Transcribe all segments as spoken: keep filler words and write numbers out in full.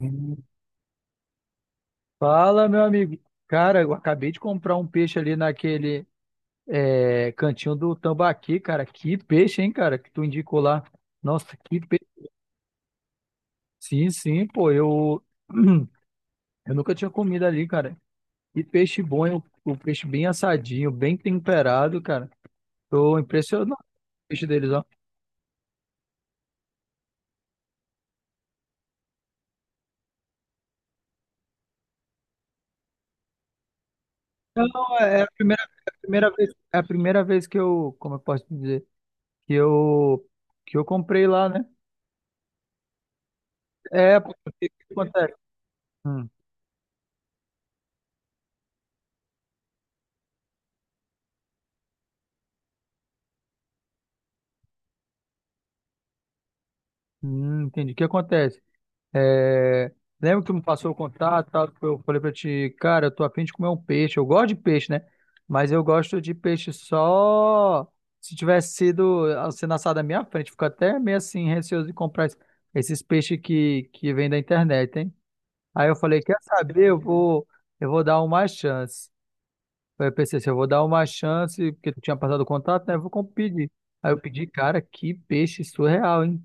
Hum. Fala, meu amigo. Cara, eu acabei de comprar um peixe ali naquele é, cantinho do Tambaqui, cara. Que peixe, hein, cara, que tu indicou lá. Nossa, que peixe. Sim, sim, pô, eu, eu nunca tinha comido ali, cara. Que peixe bom, hein? O peixe bem assadinho, bem temperado, cara. Tô impressionado com o peixe deles, ó. Não, é é a primeira, primeira vez, é a primeira vez que eu, como eu posso dizer, que eu, que eu comprei lá, né? É, porque o que acontece. Hum, hum, entendi. O que acontece? É, lembra que tu me passou o contato, e tal, que eu falei pra ti, cara, eu tô afim de comer um peixe. Eu gosto de peixe, né? Mas eu gosto de peixe só se tivesse sido ah, sendo assado na minha frente. Fico até meio assim receoso de comprar es- esses peixes que, que vem da internet, hein? Aí eu falei, quer saber? Eu vou, eu vou dar uma chance. Aí eu pensei assim, eu vou dar uma chance, porque tu tinha passado o contato, né? Eu vou com- pedir. Aí eu pedi, cara, que peixe surreal, hein?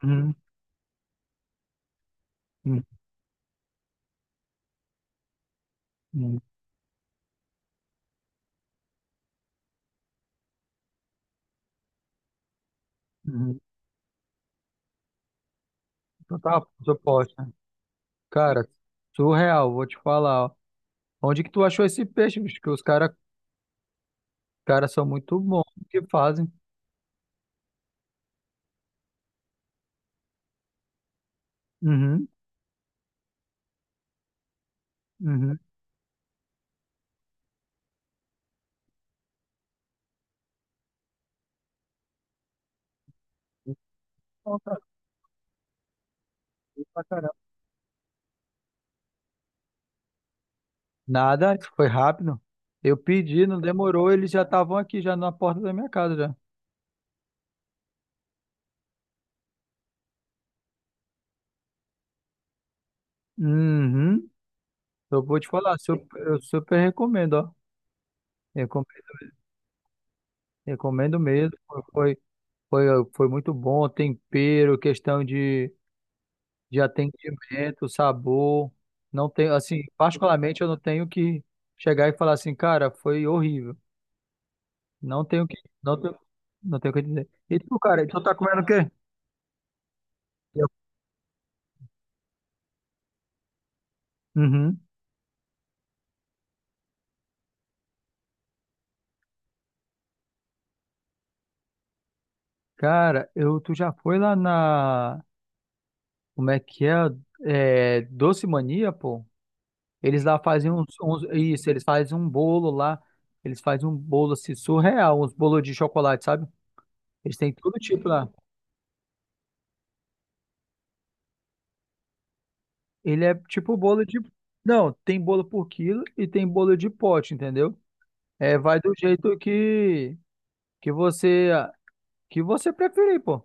Hum, hum, hum, hum. Então tá, proposta. Cara, surreal, vou te falar, ó. Onde que tu achou esse peixe, bicho? Que os caras cara, cara são muito bons no que fazem. Uhum, uhum. Bom, cara, bom pra caramba. Nada, isso foi rápido. Eu pedi, não demorou, eles já estavam aqui, já na porta da minha casa, já. Uhum. Eu vou te falar, su- eu super recomendo, ó. Recom- Recomendo mesmo. Foi, foi, foi muito bom, tempero, questão de de atendimento, sabor. Não tenho, assim, particularmente eu não tenho que chegar e falar assim, cara, foi horrível. Não tenho que, não tenho, não tenho o que dizer. E tu, cara, tu tá comendo o quê? Eu. Uhum. Cara, eu, tu já foi lá na, como é que é? É, Doce Mania, pô? Eles lá fazem uns, uns, isso, eles fazem um bolo lá, eles fazem um bolo assim, surreal, uns bolos de chocolate, sabe? Eles têm todo tipo lá. Ele é tipo bolo de. Não, tem bolo por quilo e tem bolo de pote, entendeu? É, vai do jeito que que você que você preferir, pô.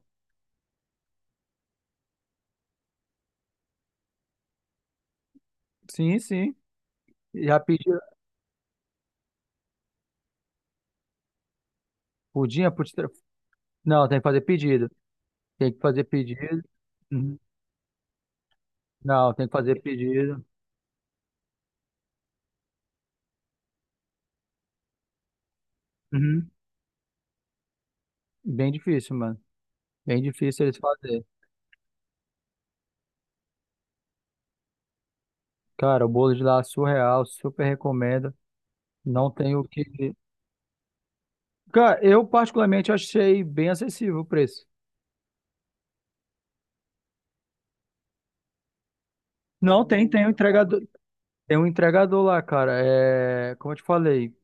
Sim, sim. Já pediu pudim, é puti- não, tem que fazer pedido. Tem que fazer pedido. Uhum. Não, tem que fazer pedido. Uhum. Bem difícil, mano. Bem difícil eles fazerem. Cara, o bolo de lá é surreal, super recomendo. Não tem o que. Cara, eu particularmente achei bem acessível o preço. Não, tem, tem o entregador. Tem um entregador lá, cara. É, como eu te falei,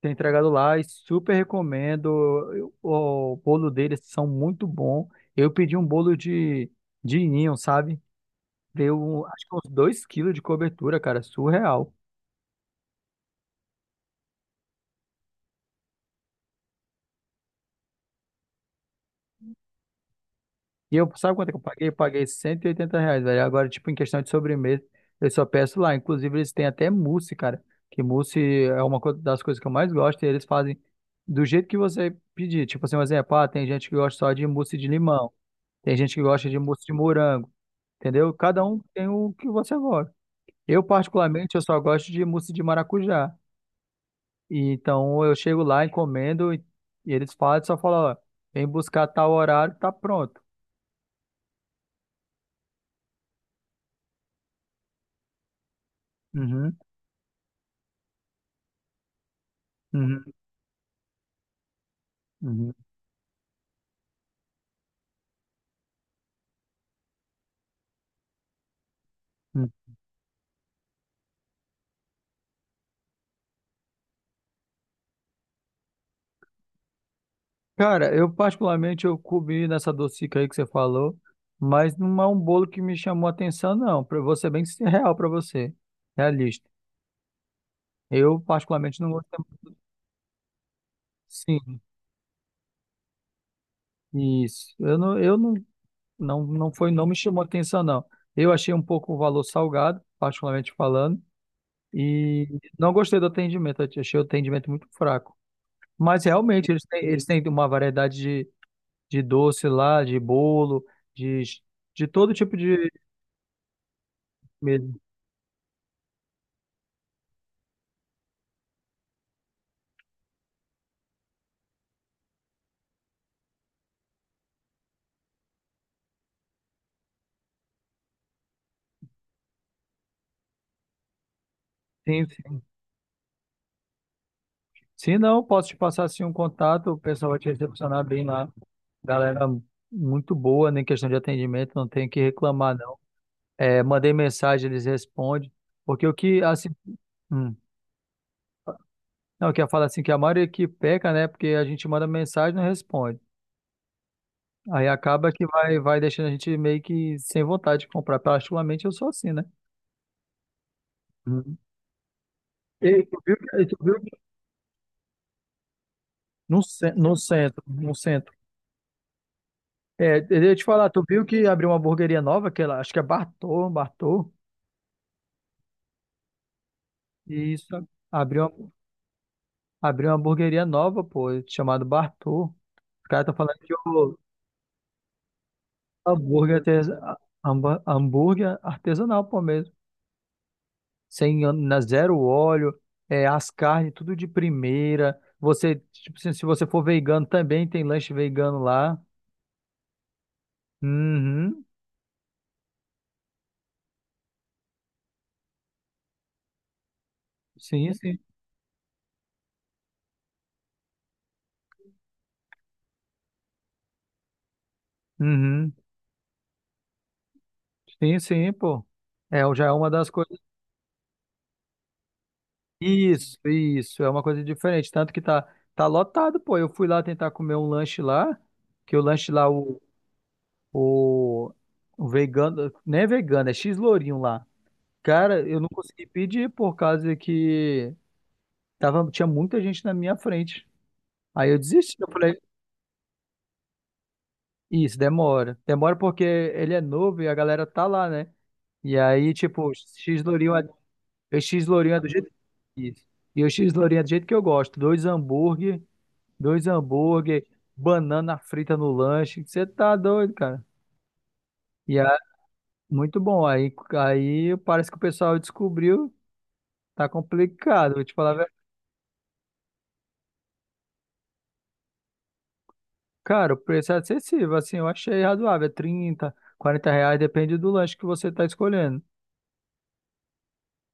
tem entregador lá e super recomendo. Eu- O bolo deles são muito bom. Eu pedi um bolo de, de ninho, sabe? Deu, um, acho que uns dois quilos de cobertura, cara. Surreal. E eu, sabe quanto é que eu paguei? Eu paguei cento e oitenta reais, velho. Agora, tipo, em questão de sobremesa, eu só peço lá. Inclusive, eles têm até mousse, cara. Que mousse é uma co- das coisas que eu mais gosto. E eles fazem do jeito que você pedir. Tipo assim, um exemplo, ah, tem gente que gosta só de mousse de limão. Tem gente que gosta de mousse de morango, entendeu? Cada um tem o que você gosta. Eu, particularmente, eu só gosto de mousse de maracujá. E então, eu chego lá, encomendo, e e eles falam, só falam, ó, vem buscar tal horário, tá pronto. Uhum, uhum, uhum, uhum. Cara, eu, particularmente, eu comi nessa docica aí que você falou, mas não é um bolo que me chamou a atenção, não. Pra eu ser bem real pra você, realista. Eu, particularmente, não gostei. Sim, isso. Eu não, eu não. Não, não foi, não me chamou atenção, não. Eu achei um pouco o valor salgado, particularmente falando, e não gostei do atendimento. Eu achei o atendimento muito fraco. Mas realmente eles têm, eles têm uma variedade de, de doce lá, de bolo, de, de todo tipo de mesmo. Sim, sim. Se não, posso te passar assim um contato, o pessoal vai te recepcionar bem lá. Galera muito boa, nem questão de atendimento, não tem o que reclamar, não. É, mandei mensagem, eles respondem. Porque o que, assim, hum. Não, que ia falar assim que a maioria que peca, né? Porque a gente manda mensagem e não responde. Aí acaba que vai, vai deixando a gente meio que sem vontade de comprar. Particularmente eu sou assim, né? Uhum. E tu viu, que- e tu viu que no, cen- no centro, no centro. É, eu ia te falar, tu viu que abriu uma hamburgueria nova, que ela, acho que é Bartô, Bartô. E isso, abriu uma, abriu uma hamburgueria nova, pô, chamado Bartô. Os caras estão falando que o hambúrguer, artes- hamba- hambúrguer é artesanal, pô, mesmo. Sem ân- na zero óleo, é, as carnes tudo de primeira. Você, tipo, se, se você for vegano também tem lanche vegano lá. Uhum. Sim, sim. Uhum. Sim, sim, pô. É, já é uma das coisas. Isso, isso, é uma coisa diferente, tanto que tá tá lotado, pô. Eu fui lá tentar comer um lanche lá, que o lanche lá o, o, o vegano, não é vegano, é x-lourinho lá. Cara, eu não consegui pedir por causa que tava, tinha muita gente na minha frente. Aí eu desisti, eu falei, isso, demora. Demora porque ele é novo e a galera tá lá, né? E aí, tipo, X Lourinho é, o X Lourinho é do jeito isso. E o X Lourinho é do jeito que eu gosto. Dois hambúrguer, dois hambúrguer, banana frita no lanche. Você tá doido, cara. E é muito bom. Aí, aí parece que o pessoal descobriu, tá complicado. Vou te falar, a verdade. Cara, o preço é acessível, assim, eu achei razoável. É trinta, quarenta reais, depende do lanche que você tá escolhendo.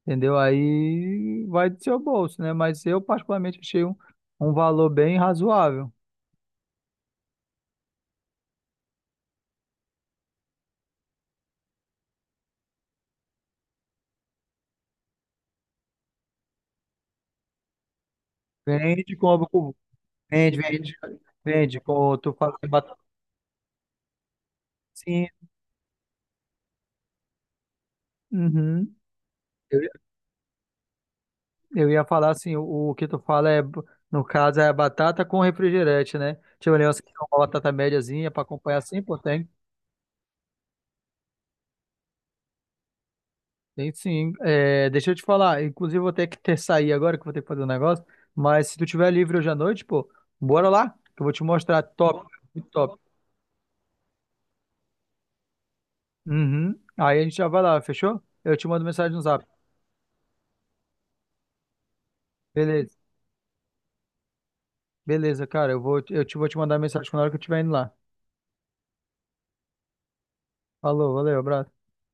Entendeu? Aí vai do seu bolso, né? Mas eu particularmente achei um, um valor bem razoável. Vende, compra, com- vende, vende, vende, com tu fala que batata cinza. Uhum. Eu, eu ia falar assim, o, o que tu fala é, no caso, é batata com refrigerante, né? Tipo, ali, você quer uma batata médiazinha para acompanhar assim, pô, tem. Tem sim. É, deixa eu te falar, inclusive eu vou ter que ter sair agora, que eu vou ter que fazer um negócio, mas se tu tiver livre hoje à noite, pô, bora lá, que eu vou te mostrar top, muito top. Uhum. Aí a gente já vai lá, fechou? Eu te mando mensagem no zap. Beleza. Beleza, cara. Eu vou, eu te, vou te mandar mensagem na hora que eu estiver indo lá. Falou, valeu, abraço.